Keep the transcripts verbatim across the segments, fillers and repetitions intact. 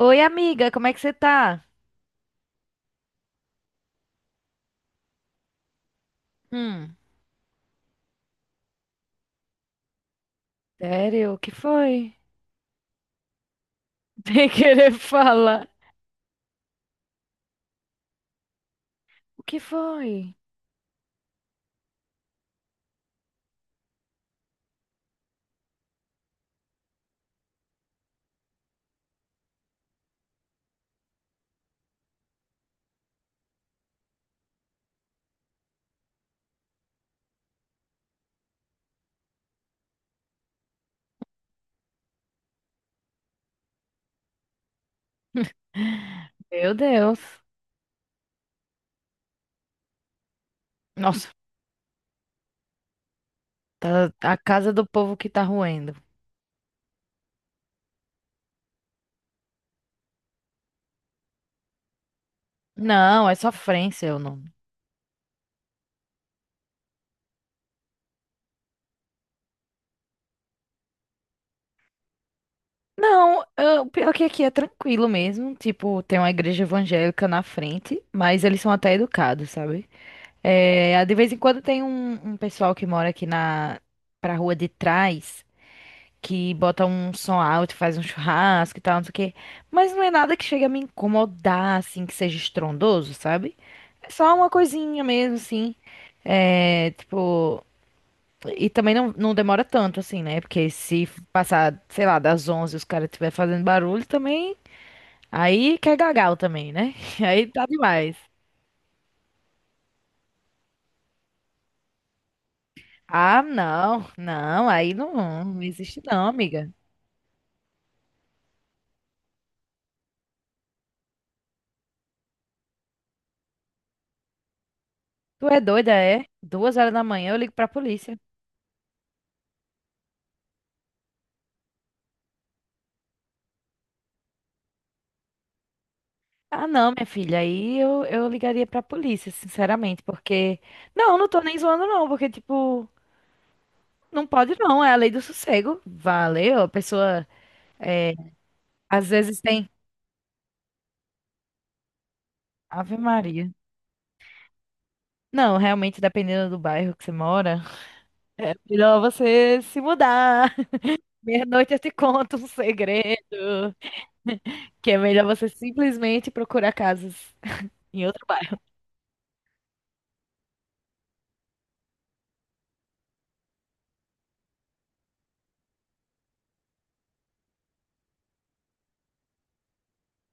Oi, amiga, como é que você tá? Hum. Sério, o que foi? Sem querer falar. O que foi? Meu Deus. Nossa, tá a casa do povo que tá roendo. Não, é sofrência o nome. Não, eu- o pior é que aqui é tranquilo mesmo. Tipo, tem uma igreja evangélica na frente, mas eles são até educados, sabe? É, de vez em quando tem um, um pessoal que mora aqui na pra rua de trás. Que bota um som alto, faz um churrasco e tal, não sei o quê. Mas não é nada que chega a me incomodar, assim, que seja estrondoso, sabe? É só uma coisinha mesmo, assim. É, tipo. E também não, não demora tanto, assim, né? Porque se passar, sei lá, das onze e os caras estiver fazendo barulho também. Aí quer gagal também, né? Aí tá demais. Ah, não, não, aí não, não existe não, amiga. Tu é doida, é? Duas horas da manhã eu ligo pra polícia. Ah, não, minha filha, aí eu, eu ligaria pra polícia, sinceramente, porque. Não, não tô nem zoando, não, porque, tipo, não pode não, é a lei do sossego. Valeu, a pessoa. É, às vezes tem. Ave Maria. Não, realmente, dependendo do bairro que você mora, é melhor você se mudar. Meia-noite eu te conto um segredo, que é melhor você simplesmente procurar casas em outro bairro.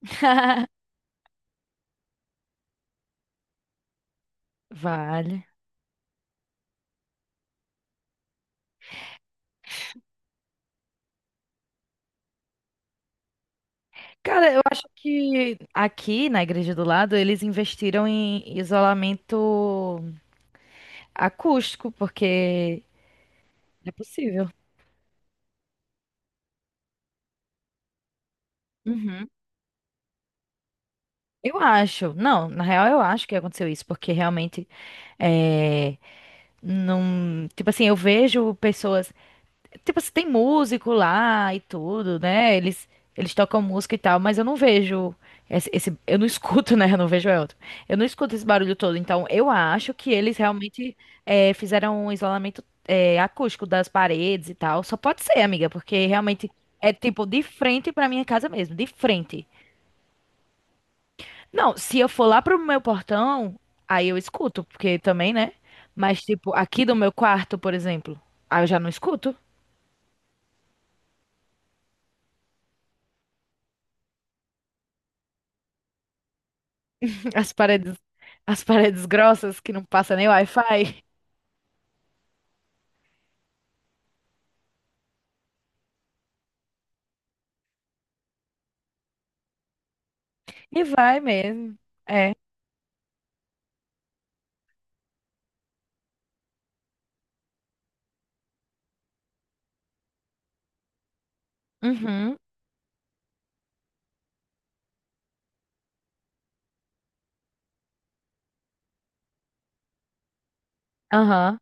Vale. Cara, eu acho que aqui na igreja do lado eles investiram em isolamento acústico, porque é possível. Uhum. Eu acho. Não, na real eu acho que aconteceu isso, porque realmente é, não, tipo assim, eu vejo pessoas. Tipo, assim, tem músico lá e tudo, né? Eles, eles tocam música e tal, mas eu não vejo esse, esse- eu não escuto, né? Eu não vejo Elton. Eu não escuto esse barulho todo. Então, eu acho que eles realmente é, fizeram um isolamento é, acústico das paredes e tal. Só pode ser, amiga, porque realmente é tipo de frente pra minha casa mesmo, de frente. Não, se eu for lá pro meu portão, aí eu escuto, porque também, né? Mas tipo, aqui do meu quarto, por exemplo, aí eu já não escuto. As paredes, as paredes grossas que não passa nem Wi-Fi. E vai mesmo. É. Uhum. Aham.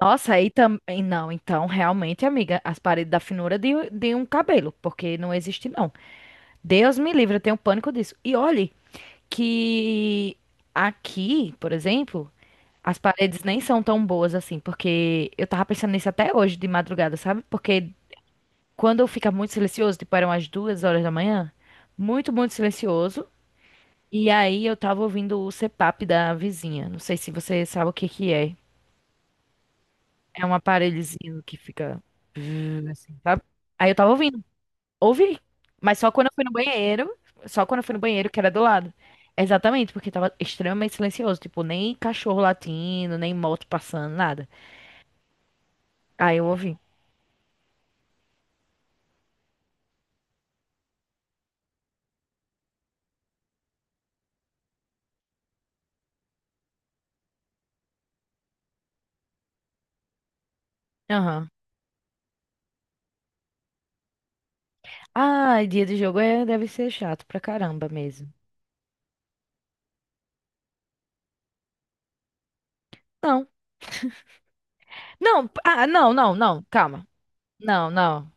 Nossa, aí também. Não, então, realmente, amiga, as paredes da finura de, de um cabelo, porque não existe, não. Deus me livre, eu tenho pânico disso. E olhe que aqui, por exemplo, as paredes nem são tão boas assim, porque eu tava pensando nisso até hoje de madrugada, sabe? Porque quando fica muito silencioso, tipo, eram as duas horas da manhã, muito, muito silencioso. E aí eu tava ouvindo o C P A P da vizinha. Não sei se você sabe o que que é. É um aparelhozinho que fica, sabe? Aí eu tava ouvindo. Ouvi. Mas só quando eu fui no banheiro, só quando eu fui no banheiro que era do lado. Exatamente, porque tava extremamente silencioso, tipo, nem cachorro latindo, nem moto passando, nada. Aí eu ouvi. Aham. Ah, dia de jogo é, deve ser chato pra caramba mesmo. Não. Não, ah, não, não, não, calma. Não, não.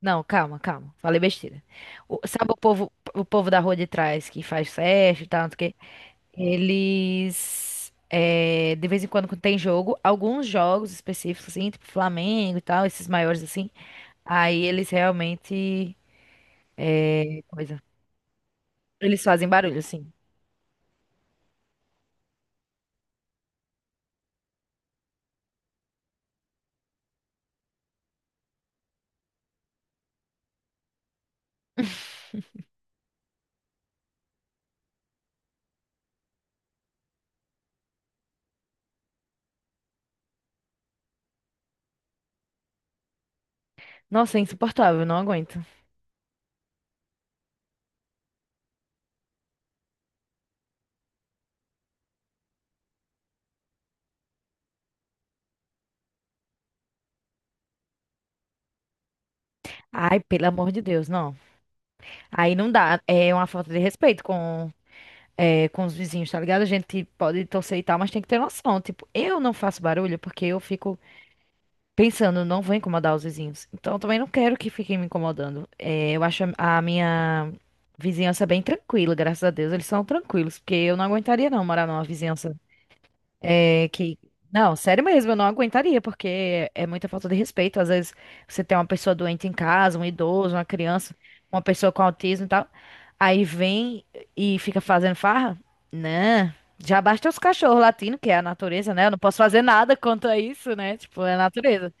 Não, calma, calma. Falei besteira. O- sabe o povo, o povo da rua de trás que faz festa e tal, não sei o quê? Eles, é, de vez em quando, quando tem jogo, alguns jogos específicos, assim, tipo Flamengo e tal, esses maiores, assim, aí eles realmente, coisa, eles fazem barulho, assim. Nossa, é insuportável, não aguento. Ai, pelo amor de Deus, não. Aí não dá, é uma falta de respeito com, é, com os vizinhos, tá ligado? A gente pode torcer e tal, mas tem que ter noção. Tipo, eu não faço barulho porque eu fico pensando, não vou incomodar os vizinhos. Então, eu também não quero que fiquem me incomodando. É, eu acho a a minha vizinhança bem tranquila, graças a Deus. Eles são tranquilos, porque eu não aguentaria não morar numa vizinhança é, que... Não, sério mesmo, eu não aguentaria, porque é muita falta de respeito. Às vezes você tem uma pessoa doente em casa, um idoso, uma criança, uma pessoa com autismo e tal. Aí vem e fica fazendo farra? Né? Já basta os cachorros latindo, que é a natureza, né? Eu não posso fazer nada quanto a isso, né? Tipo, é a natureza.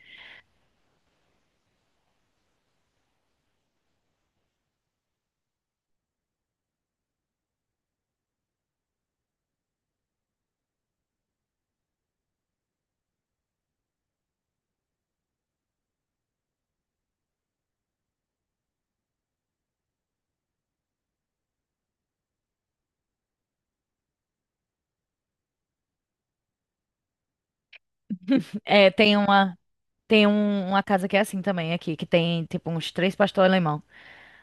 É, tem uma, tem um- uma casa que é assim também aqui, que tem tipo uns três pastor alemão.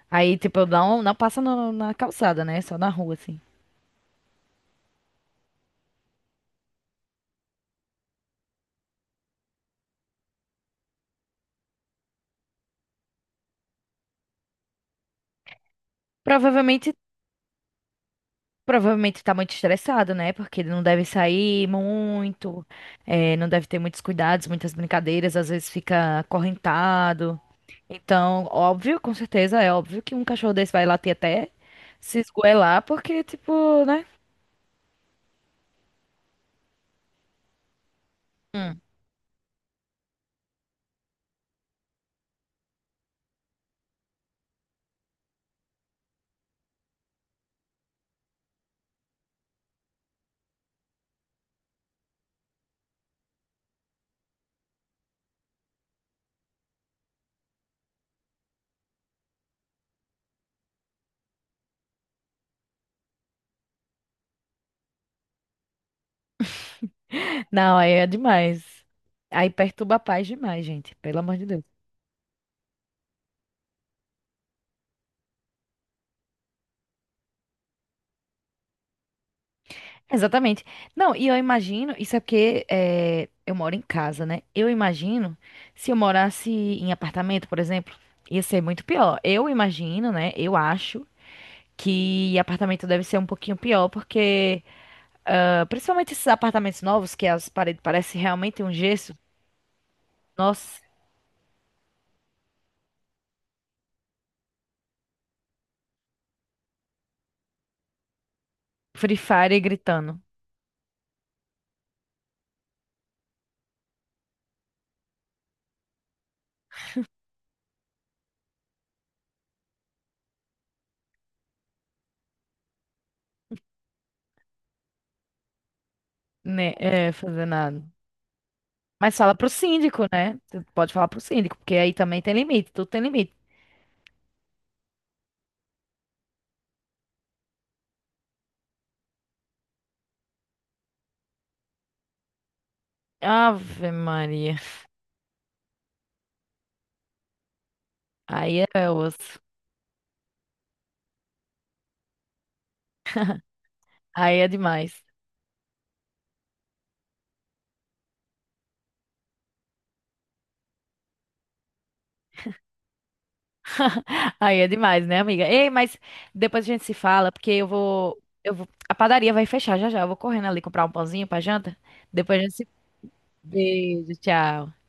Aí, tipo, eu não, não passa no- na calçada, né? Só na rua, assim. Provavelmente, provavelmente tá muito estressado, né? Porque ele não deve sair muito, é, não deve ter muitos cuidados, muitas brincadeiras, às vezes fica acorrentado. Então, óbvio, com certeza, é óbvio que um cachorro desse vai latir até se esgoelar, porque, tipo, né? Não, aí é demais. Aí perturba a paz demais, gente. Pelo amor de Deus. Exatamente. Não, e eu imagino, isso é porque eh, eu moro em casa, né? Eu imagino, se eu morasse em apartamento, por exemplo, ia ser muito pior. Eu imagino, né? Eu acho que apartamento deve ser um pouquinho pior, porque ah, principalmente esses apartamentos novos, que as paredes parecem realmente um gesso. Nossa, Free Fire gritando, né? É, fazendo nada. Mas fala pro síndico, né? Você pode falar pro síndico, porque aí também tem limite, tudo tem limite. Ave Maria. Aí é osso. Aí é demais. Aí é demais, né, amiga? Ei, mas depois a gente se fala, porque eu vou, eu vou, a padaria vai fechar já já. Eu vou correndo ali comprar um pãozinho pra janta. Depois a gente se... Beijo, tchau.